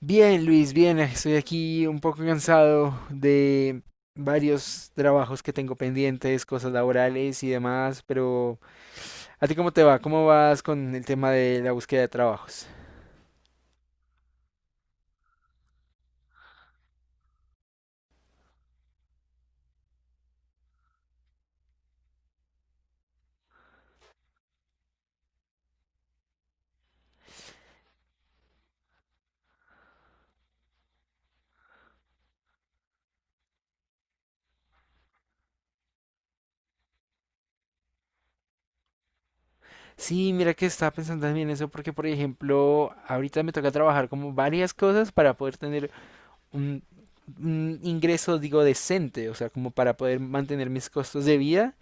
Bien, Luis, bien, estoy aquí un poco cansado de varios trabajos que tengo pendientes, cosas laborales y demás, pero ¿a ti cómo te va? ¿Cómo vas con el tema de la búsqueda de trabajos? Sí, mira que estaba pensando también eso porque, por ejemplo, ahorita me toca trabajar como varias cosas para poder tener un, un ingreso, digo, decente, o sea, como para poder mantener mis costos de vida,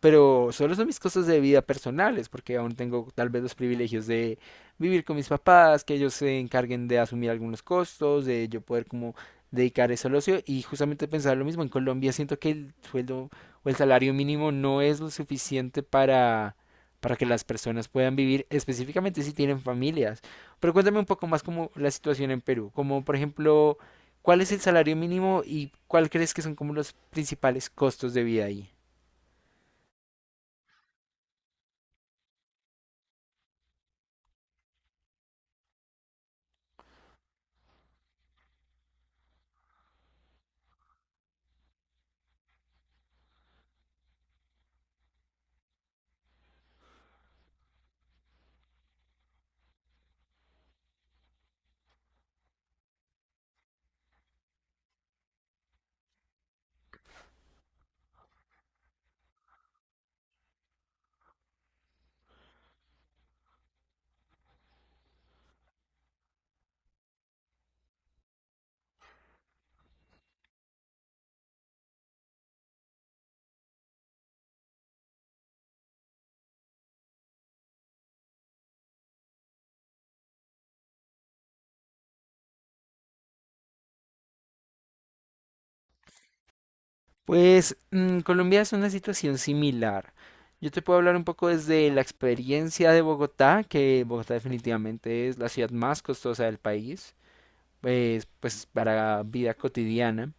pero solo son mis costos de vida personales, porque aún tengo tal vez los privilegios de vivir con mis papás, que ellos se encarguen de asumir algunos costos, de yo poder como dedicar eso al ocio y justamente pensar lo mismo, en Colombia siento que el sueldo o el salario mínimo no es lo suficiente para que las personas puedan vivir específicamente si tienen familias. Pero cuéntame un poco más como la situación en Perú, como por ejemplo, ¿cuál es el salario mínimo y cuál crees que son como los principales costos de vida ahí? Pues Colombia es una situación similar. Yo te puedo hablar un poco desde la experiencia de Bogotá, que Bogotá definitivamente es la ciudad más costosa del país, pues para vida cotidiana.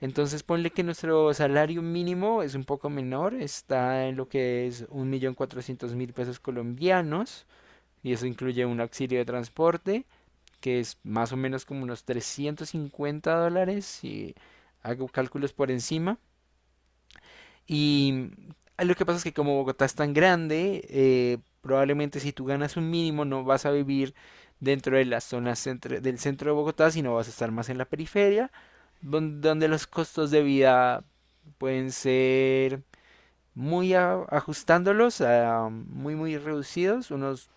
Entonces ponle que nuestro salario mínimo es un poco menor, está en lo que es 1.400.000 pesos colombianos, y eso incluye un auxilio de transporte que es más o menos como unos $350, si hago cálculos por encima. Y lo que pasa es que como Bogotá es tan grande, probablemente si tú ganas un mínimo no vas a vivir dentro de las zonas del centro de Bogotá, sino vas a estar más en la periferia, donde los costos de vida pueden ser ajustándolos a muy muy reducidos, unos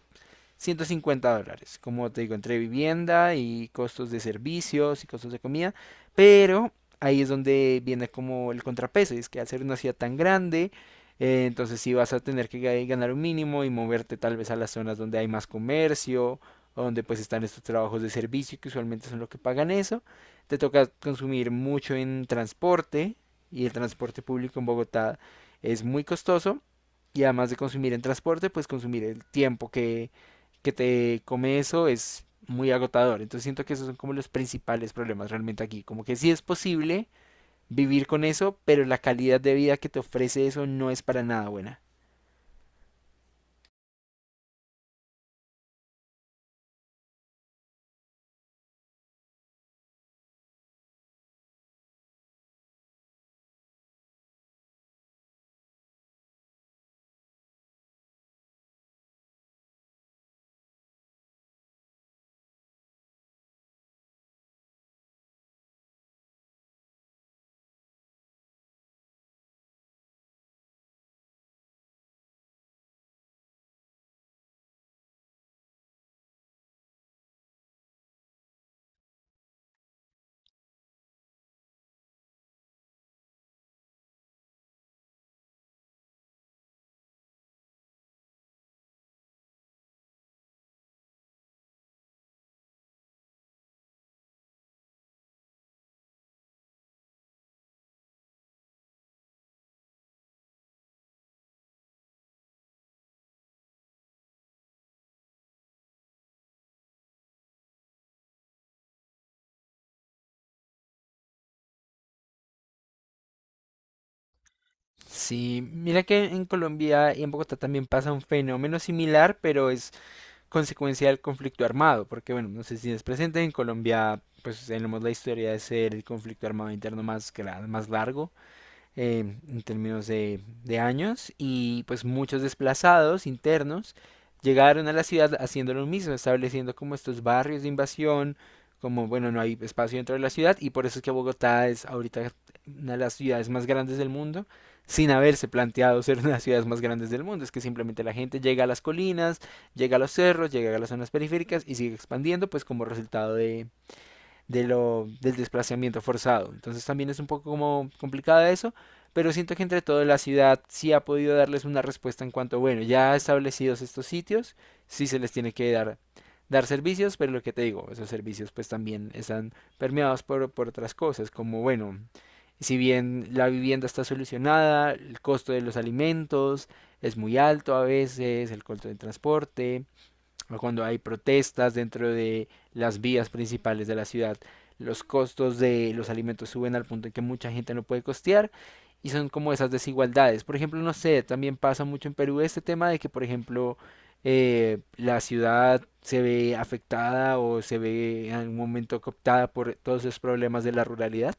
$150, como te digo, entre vivienda y costos de servicios y costos de comida, pero ahí es donde viene como el contrapeso, y es que al ser una ciudad tan grande, entonces sí vas a tener que ganar un mínimo y moverte tal vez a las zonas donde hay más comercio, o donde pues están estos trabajos de servicio que usualmente son los que pagan eso, te toca consumir mucho en transporte, y el transporte público en Bogotá es muy costoso, y además de consumir en transporte, pues consumir el tiempo que te come eso es muy agotador. Entonces siento que esos son como los principales problemas realmente aquí. Como que sí es posible vivir con eso, pero la calidad de vida que te ofrece eso no es para nada buena. Sí, mira que en Colombia y en Bogotá también pasa un fenómeno similar, pero es consecuencia del conflicto armado, porque bueno, no sé si es presente en Colombia, pues tenemos la historia de ser el conflicto armado interno más, más largo, eh, en términos de años y pues muchos desplazados internos llegaron a la ciudad haciendo lo mismo, estableciendo como estos barrios de invasión, como bueno, no hay espacio dentro de la ciudad y por eso es que Bogotá es ahorita una de las ciudades más grandes del mundo sin haberse planteado ser una de las ciudades más grandes del mundo, es que simplemente la gente llega a las colinas, llega a los cerros, llega a las zonas periféricas y sigue expandiendo pues como resultado del desplazamiento forzado. Entonces también es un poco como complicada eso, pero siento que entre todo la ciudad sí ha podido darles una respuesta en cuanto, bueno, ya establecidos estos sitios, sí se les tiene que dar, servicios, pero lo que te digo, esos servicios pues también están permeados por otras cosas, como, bueno, si bien la vivienda está solucionada, el costo de los alimentos es muy alto a veces, el costo del transporte, o cuando hay protestas dentro de las vías principales de la ciudad. Los costos de los alimentos suben al punto en que mucha gente no puede costear y son como esas desigualdades. Por ejemplo, no sé, también pasa mucho en Perú este tema de que, por ejemplo, la ciudad se ve afectada o se ve en algún momento cooptada por todos esos problemas de la ruralidad.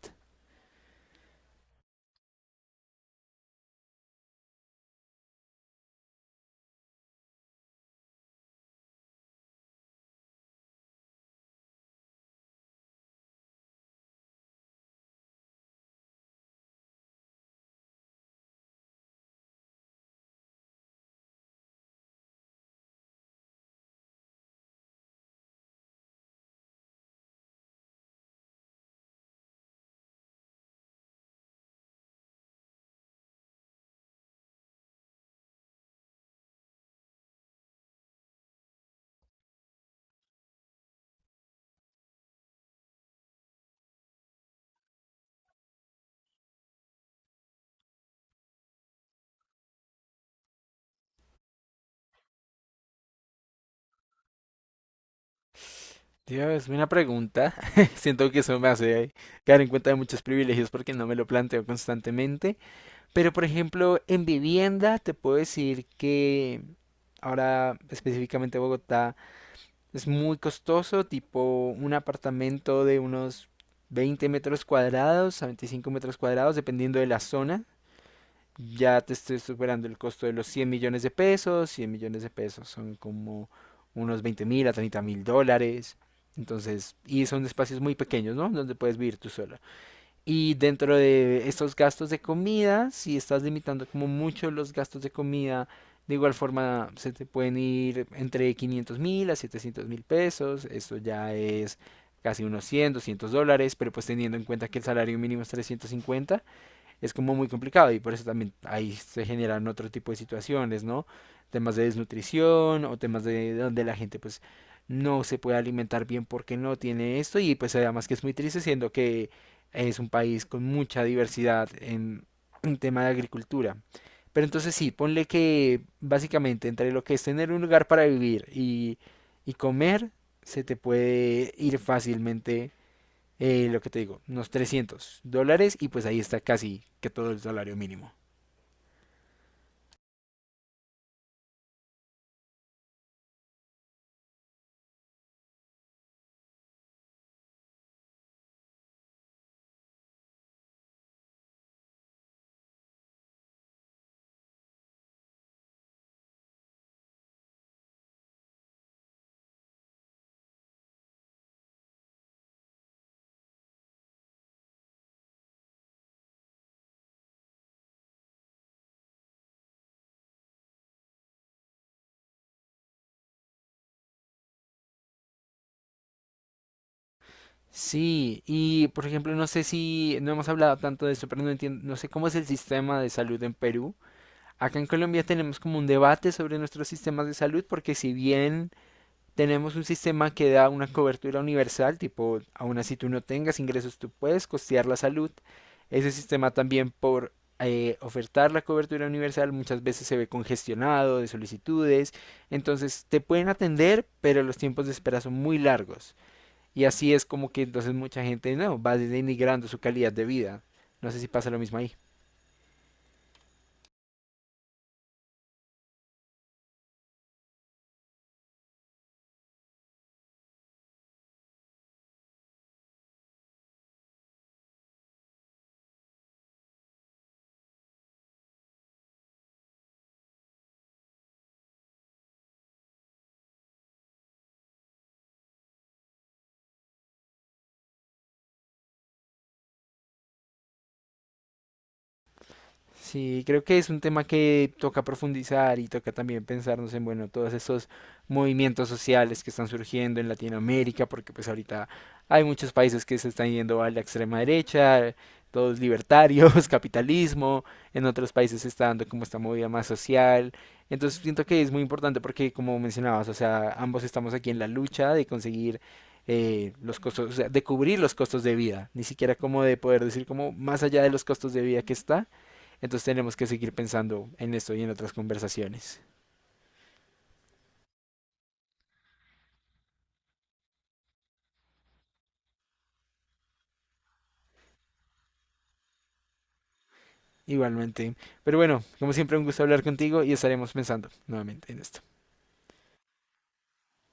Dios, una pregunta. Siento que eso me hace caer en cuenta de muchos privilegios porque no me lo planteo constantemente. Pero por ejemplo, en vivienda te puedo decir que ahora específicamente Bogotá es muy costoso, tipo un apartamento de unos 20 metros cuadrados a 25 metros cuadrados, dependiendo de la zona. Ya te estoy superando el costo de los 100 millones de pesos. 100 millones de pesos son como unos 20.000 a 30.000 dólares. Entonces, y son espacios muy pequeños, ¿no? Donde puedes vivir tú solo. Y dentro de estos gastos de comida, si estás limitando como mucho los gastos de comida, de igual forma se te pueden ir entre 500 mil a 700 mil pesos. Esto ya es casi unos 100, $200, pero pues teniendo en cuenta que el salario mínimo es 350, es como muy complicado y por eso también ahí se generan otro tipo de situaciones, ¿no? Temas de desnutrición o temas de donde la gente pues no se puede alimentar bien porque no tiene esto y pues además que es muy triste siendo que es un país con mucha diversidad en, tema de agricultura. Pero entonces sí, ponle que básicamente entre lo que es tener un lugar para vivir y comer, se te puede ir fácilmente, lo que te digo, unos $300 y pues ahí está casi que todo el salario mínimo. Sí, y por ejemplo, no sé si no hemos hablado tanto de eso, pero no entiendo, no sé cómo es el sistema de salud en Perú. Acá en Colombia tenemos como un debate sobre nuestros sistemas de salud, porque si bien tenemos un sistema que da una cobertura universal, tipo, aun así tú no tengas ingresos, tú puedes costear la salud. Ese sistema también por ofertar la cobertura universal muchas veces se ve congestionado de solicitudes. Entonces te pueden atender, pero los tiempos de espera son muy largos. Y así es como que entonces mucha gente no va denigrando su calidad de vida. No sé si pasa lo mismo ahí. Sí, creo que es un tema que toca profundizar y toca también pensarnos en, bueno, todos estos movimientos sociales que están surgiendo en Latinoamérica, porque pues ahorita hay muchos países que se están yendo a la extrema derecha, todos libertarios, capitalismo, en otros países se está dando como esta movida más social. Entonces siento que es muy importante porque, como mencionabas, o sea, ambos estamos aquí en la lucha de conseguir, los costos, o sea, de cubrir los costos de vida, ni siquiera como de poder decir como más allá de los costos de vida que está. Entonces tenemos que seguir pensando en esto y en otras conversaciones. Igualmente. Pero bueno, como siempre, un gusto hablar contigo y estaremos pensando nuevamente en esto.